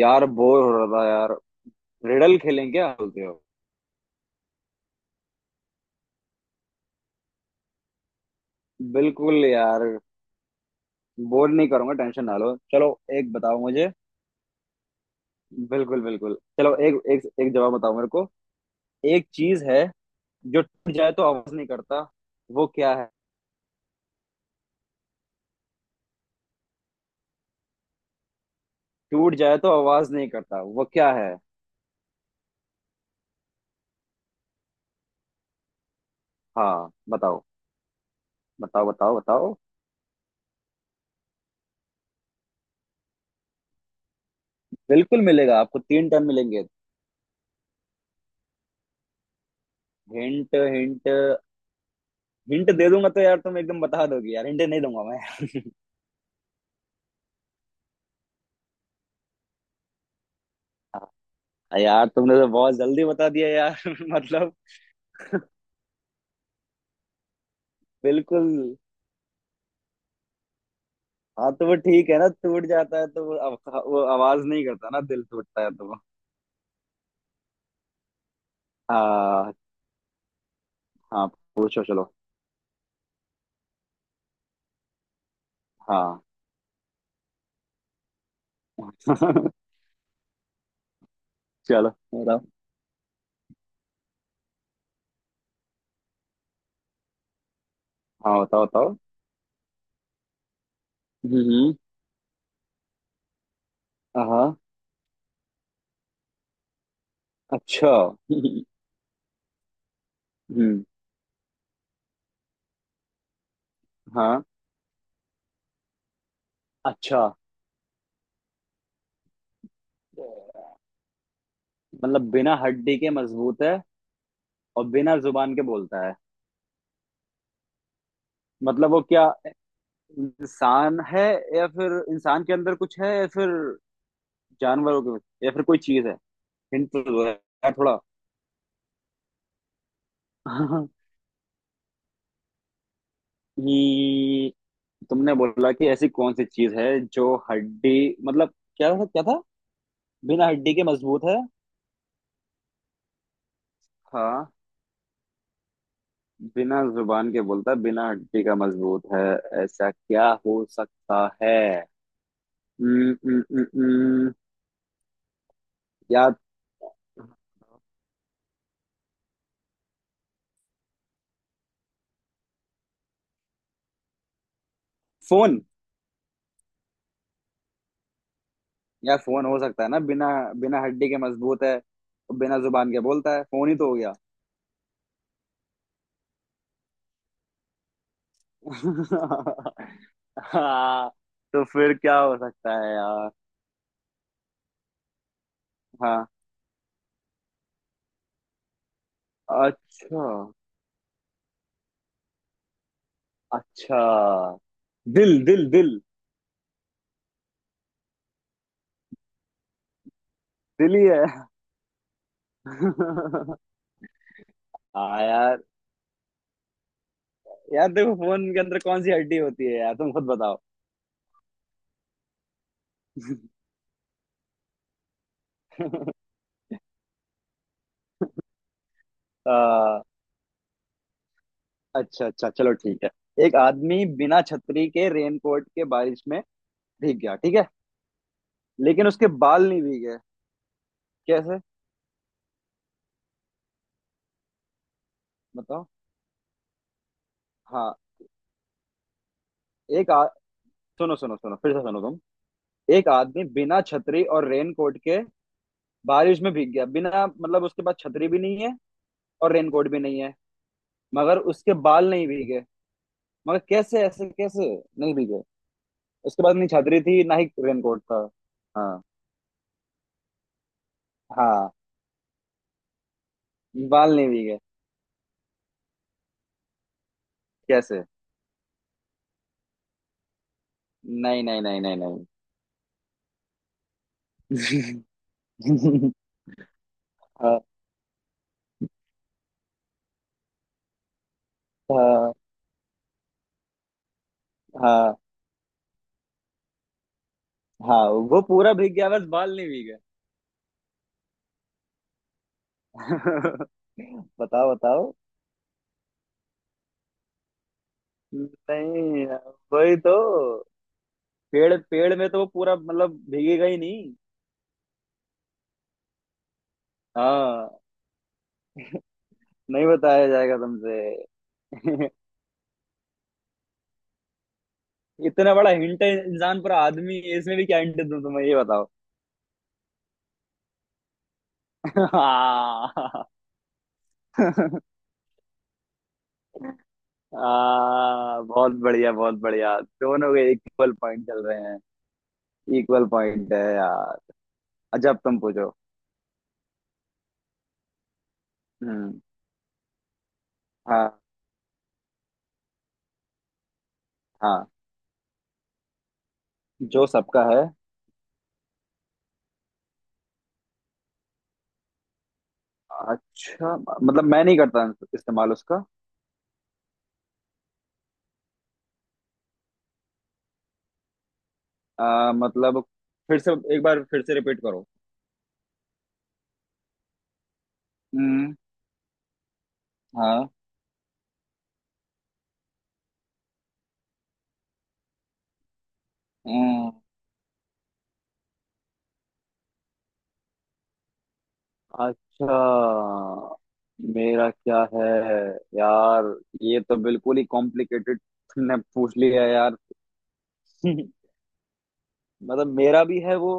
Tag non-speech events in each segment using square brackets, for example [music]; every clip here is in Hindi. यार बोर हो रहा था यार। रिडल खेलें, क्या बोलते हो? बिल्कुल यार, बोर नहीं करूंगा, टेंशन ना लो, चलो एक बताओ मुझे। बिल्कुल बिल्कुल, चलो एक एक एक जवाब बताओ मेरे को। एक चीज है जो टूट जाए तो आवाज नहीं करता, वो क्या है? टूट जाए तो आवाज नहीं करता वो क्या है? हाँ बताओ, बताओ बताओ बताओ। बिल्कुल मिलेगा, आपको तीन टन मिलेंगे। हिंट हिंट, हिंट दे दूंगा तो यार तुम एकदम बता दोगे यार, हिंट नहीं दूंगा मैं। हाँ, यार तुमने तो बहुत जल्दी बता दिया यार। [laughs] मतलब बिल्कुल। हाँ तो वो ठीक है ना, टूट जाता है तो वो वो आवाज नहीं करता ना। दिल टूटता है तो वो हाँ। हाँ, पूछो चलो। हाँ। [laughs] चलो बताओ। हाँ बताओ बताओ। हम्म। हाँ अच्छा। हम्म। हाँ अच्छा। मतलब बिना हड्डी के मजबूत है और बिना जुबान के बोलता है। मतलब वो क्या, इंसान है या फिर इंसान के अंदर कुछ है या फिर जानवरों के या फिर कोई चीज है। हिंट तो दो यार थोड़ा। [laughs] ये तुमने बोला कि ऐसी कौन सी चीज है जो हड्डी, मतलब क्या था क्या था? बिना हड्डी के मजबूत है, हाँ बिना जुबान के बोलता है, बिना हड्डी का मजबूत है, ऐसा क्या हो सकता है? न, न, न, न, या फोन, या फोन हो सकता है ना। बिना, बिना हड्डी के मजबूत है, बिना जुबान के बोलता है, फोन ही तो हो गया। [laughs] हाँ। तो फिर क्या हो सकता है यार? हाँ, अच्छा अच्छा, दिल दिल दिल, दिल ही है। [laughs] हाँ यार। यार देखो फोन के अंदर कौन सी हड्डी होती है यार, तुम खुद बताओ। [laughs] आ, अच्छा अच्छा, चलो ठीक है। एक आदमी बिना छतरी के रेनकोट के बारिश में भीग गया, ठीक है? लेकिन उसके बाल नहीं भीगे। कैसे? बताओ हाँ। एक आ... सुनो सुनो सुनो, फिर से सुनो तुम। एक आदमी बिना छतरी और रेनकोट के बारिश में भीग गया, बिना मतलब उसके पास छतरी भी नहीं है और रेनकोट भी नहीं है, मगर उसके बाल नहीं भीगे। मगर कैसे, ऐसे कैसे नहीं भीगे? उसके बाद नहीं छतरी थी ना ही रेनकोट था। हाँ। हाँ बाल नहीं भीगे। कैसे? नहीं नहीं नहीं नहीं नहीं। [laughs] हाँ हाँ। हाँ हाँ। वो पूरा भीग गया बस बाल नहीं भीगे। [laughs] बताओ बताओ। नहीं, वही तो, पेड़ पेड़ में तो वो पूरा मतलब भीगेगा ही नहीं। हाँ नहीं बताया जाएगा तुमसे। [laughs] इतना बड़ा हिंट है, इंसान पर आदमी है, इसमें भी क्या हिंट दूं तुम्हें, ये बताओ। [laughs] आ, बहुत बढ़िया बहुत बढ़िया, दोनों के इक्वल पॉइंट चल रहे हैं, इक्वल पॉइंट है यार। अच्छा अब तुम पूछो। हम्म। हाँ। हाँ जो सबका है। अच्छा मतलब मैं नहीं करता इस्तेमाल उसका। मतलब फिर से एक बार फिर से रिपीट करो। हम्म। हाँ अच्छा। मेरा क्या है यार? ये तो बिल्कुल ही कॉम्प्लिकेटेड ने पूछ लिया यार। [laughs] मतलब मेरा भी है वो।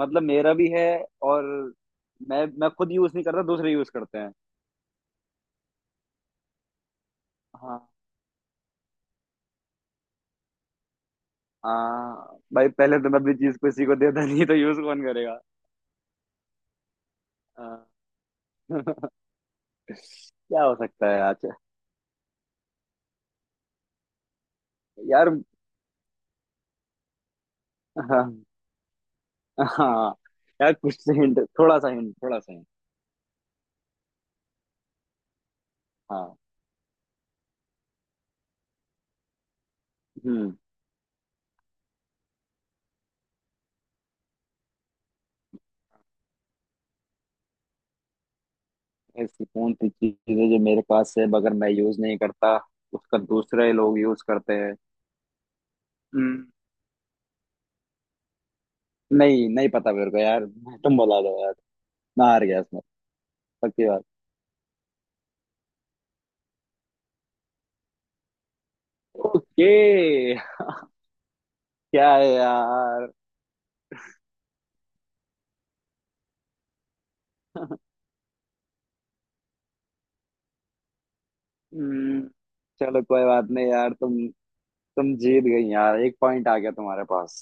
मतलब मेरा भी है, और मैं खुद यूज नहीं करता, दूसरे यूज करते हैं। हाँ। हाँ भाई पहले तो मैं भी चीज किसी को देता नहीं तो यूज कौन करेगा। हाँ। [laughs] क्या हो सकता है आज? यार हाँ हाँ, यार कुछ हिंट, थोड़ा सा हिंट, थोड़ा सा हिंट। हाँ। हम्म। ऐसी कौन सी चीज है जो मेरे पास है मगर मैं यूज नहीं करता, उसका दूसरे लोग यूज करते हैं। हम्म, नहीं नहीं पता मेरे को यार, तुम बता दो यार, मैं हार गया इसमें। पक्की बात। ओके, क्या है यार? हम्म, चलो कोई बात नहीं यार, तुम जीत गई यार, एक पॉइंट आ गया तुम्हारे पास।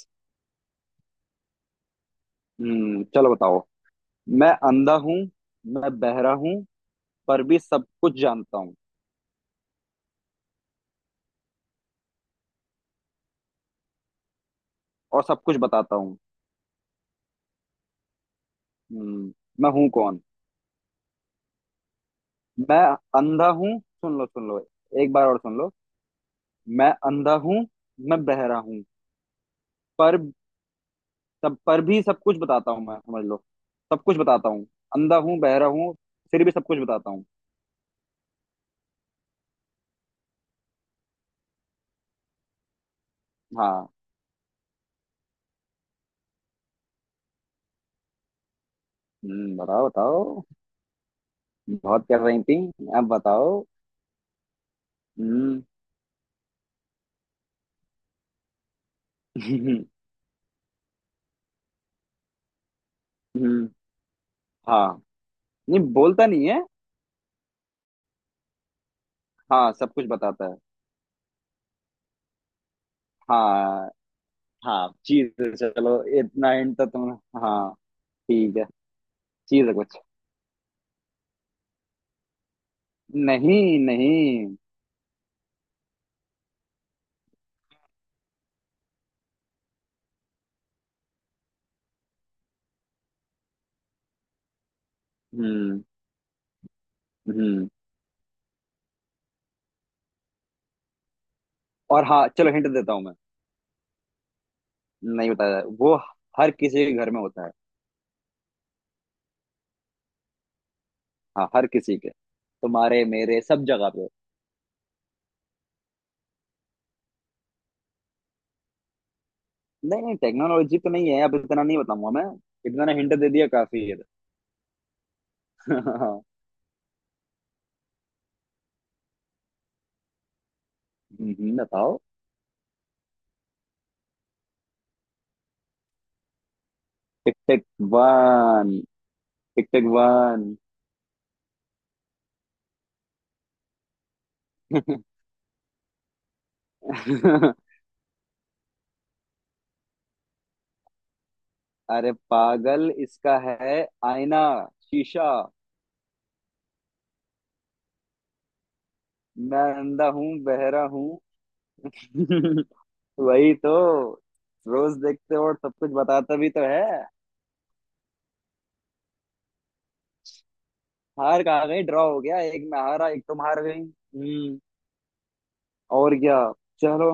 चलो बताओ। मैं अंधा हूँ, मैं बहरा हूँ, पर भी सब कुछ जानता हूँ और सब कुछ बताता हूँ। हम्म, मैं हूँ कौन? मैं अंधा हूँ, सुन लो सुन लो, एक बार और सुन लो। मैं अंधा हूँ, मैं बहरा हूँ, पर तब पर भी सब कुछ बताता हूँ मैं, समझ लो, सब कुछ बताता हूँ। अंधा हूँ बहरा हूँ फिर भी सब कुछ बताता हूँ। हाँ। बताओ बताओ, बहुत कर रही थी, अब बताओ। हम्म। [laughs] हम्म। हाँ नहीं, बोलता नहीं है। हाँ सब कुछ बताता है। हाँ। हाँ चीज है, चलो इतना हिंट तो तुम। हाँ ठीक है, चीज है कुछ। नहीं नहीं। हम्म। हम्म और हाँ चलो हिंट देता हूँ मैं, नहीं बताया वो। हर किसी के घर में होता है। हाँ हर किसी के, तुम्हारे मेरे सब जगह पे। नहीं नहीं टेक्नोलॉजी तो नहीं है, अब इतना नहीं बताऊंगा मैं, इतना ना हिंट दे दिया काफी है। [laughs] हम्म, बताओ। Tick tick one. Tick tick one. [laughs] अरे पागल इसका है, आईना, शीशा। मैं अंधा हूँ बहरा हूँ। [laughs] वही तो, रोज देखते हो और सब कुछ बताता भी तो है। हार कहाँ गई, ड्रॉ हो गया, एक मैं हारा एक तुम हार गई। और क्या, चलो।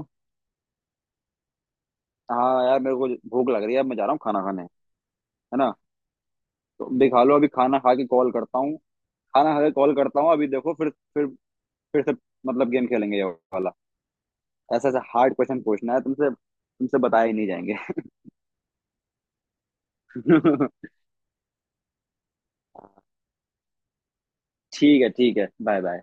हाँ यार मेरे को भूख लग रही है, अब मैं जा रहा हूँ खाना खाने, है ना? तो भी खा लो, अभी खाना खा के कॉल करता हूँ। खाना खा के कॉल करता हूँ अभी, देखो, फिर फिर से मतलब गेम खेलेंगे ये वाला। ऐसा ऐसा हार्ड क्वेश्चन पूछना है तुमसे, तुमसे बताए ही नहीं जाएंगे। [laughs] ठीक है ठीक है, बाय बाय।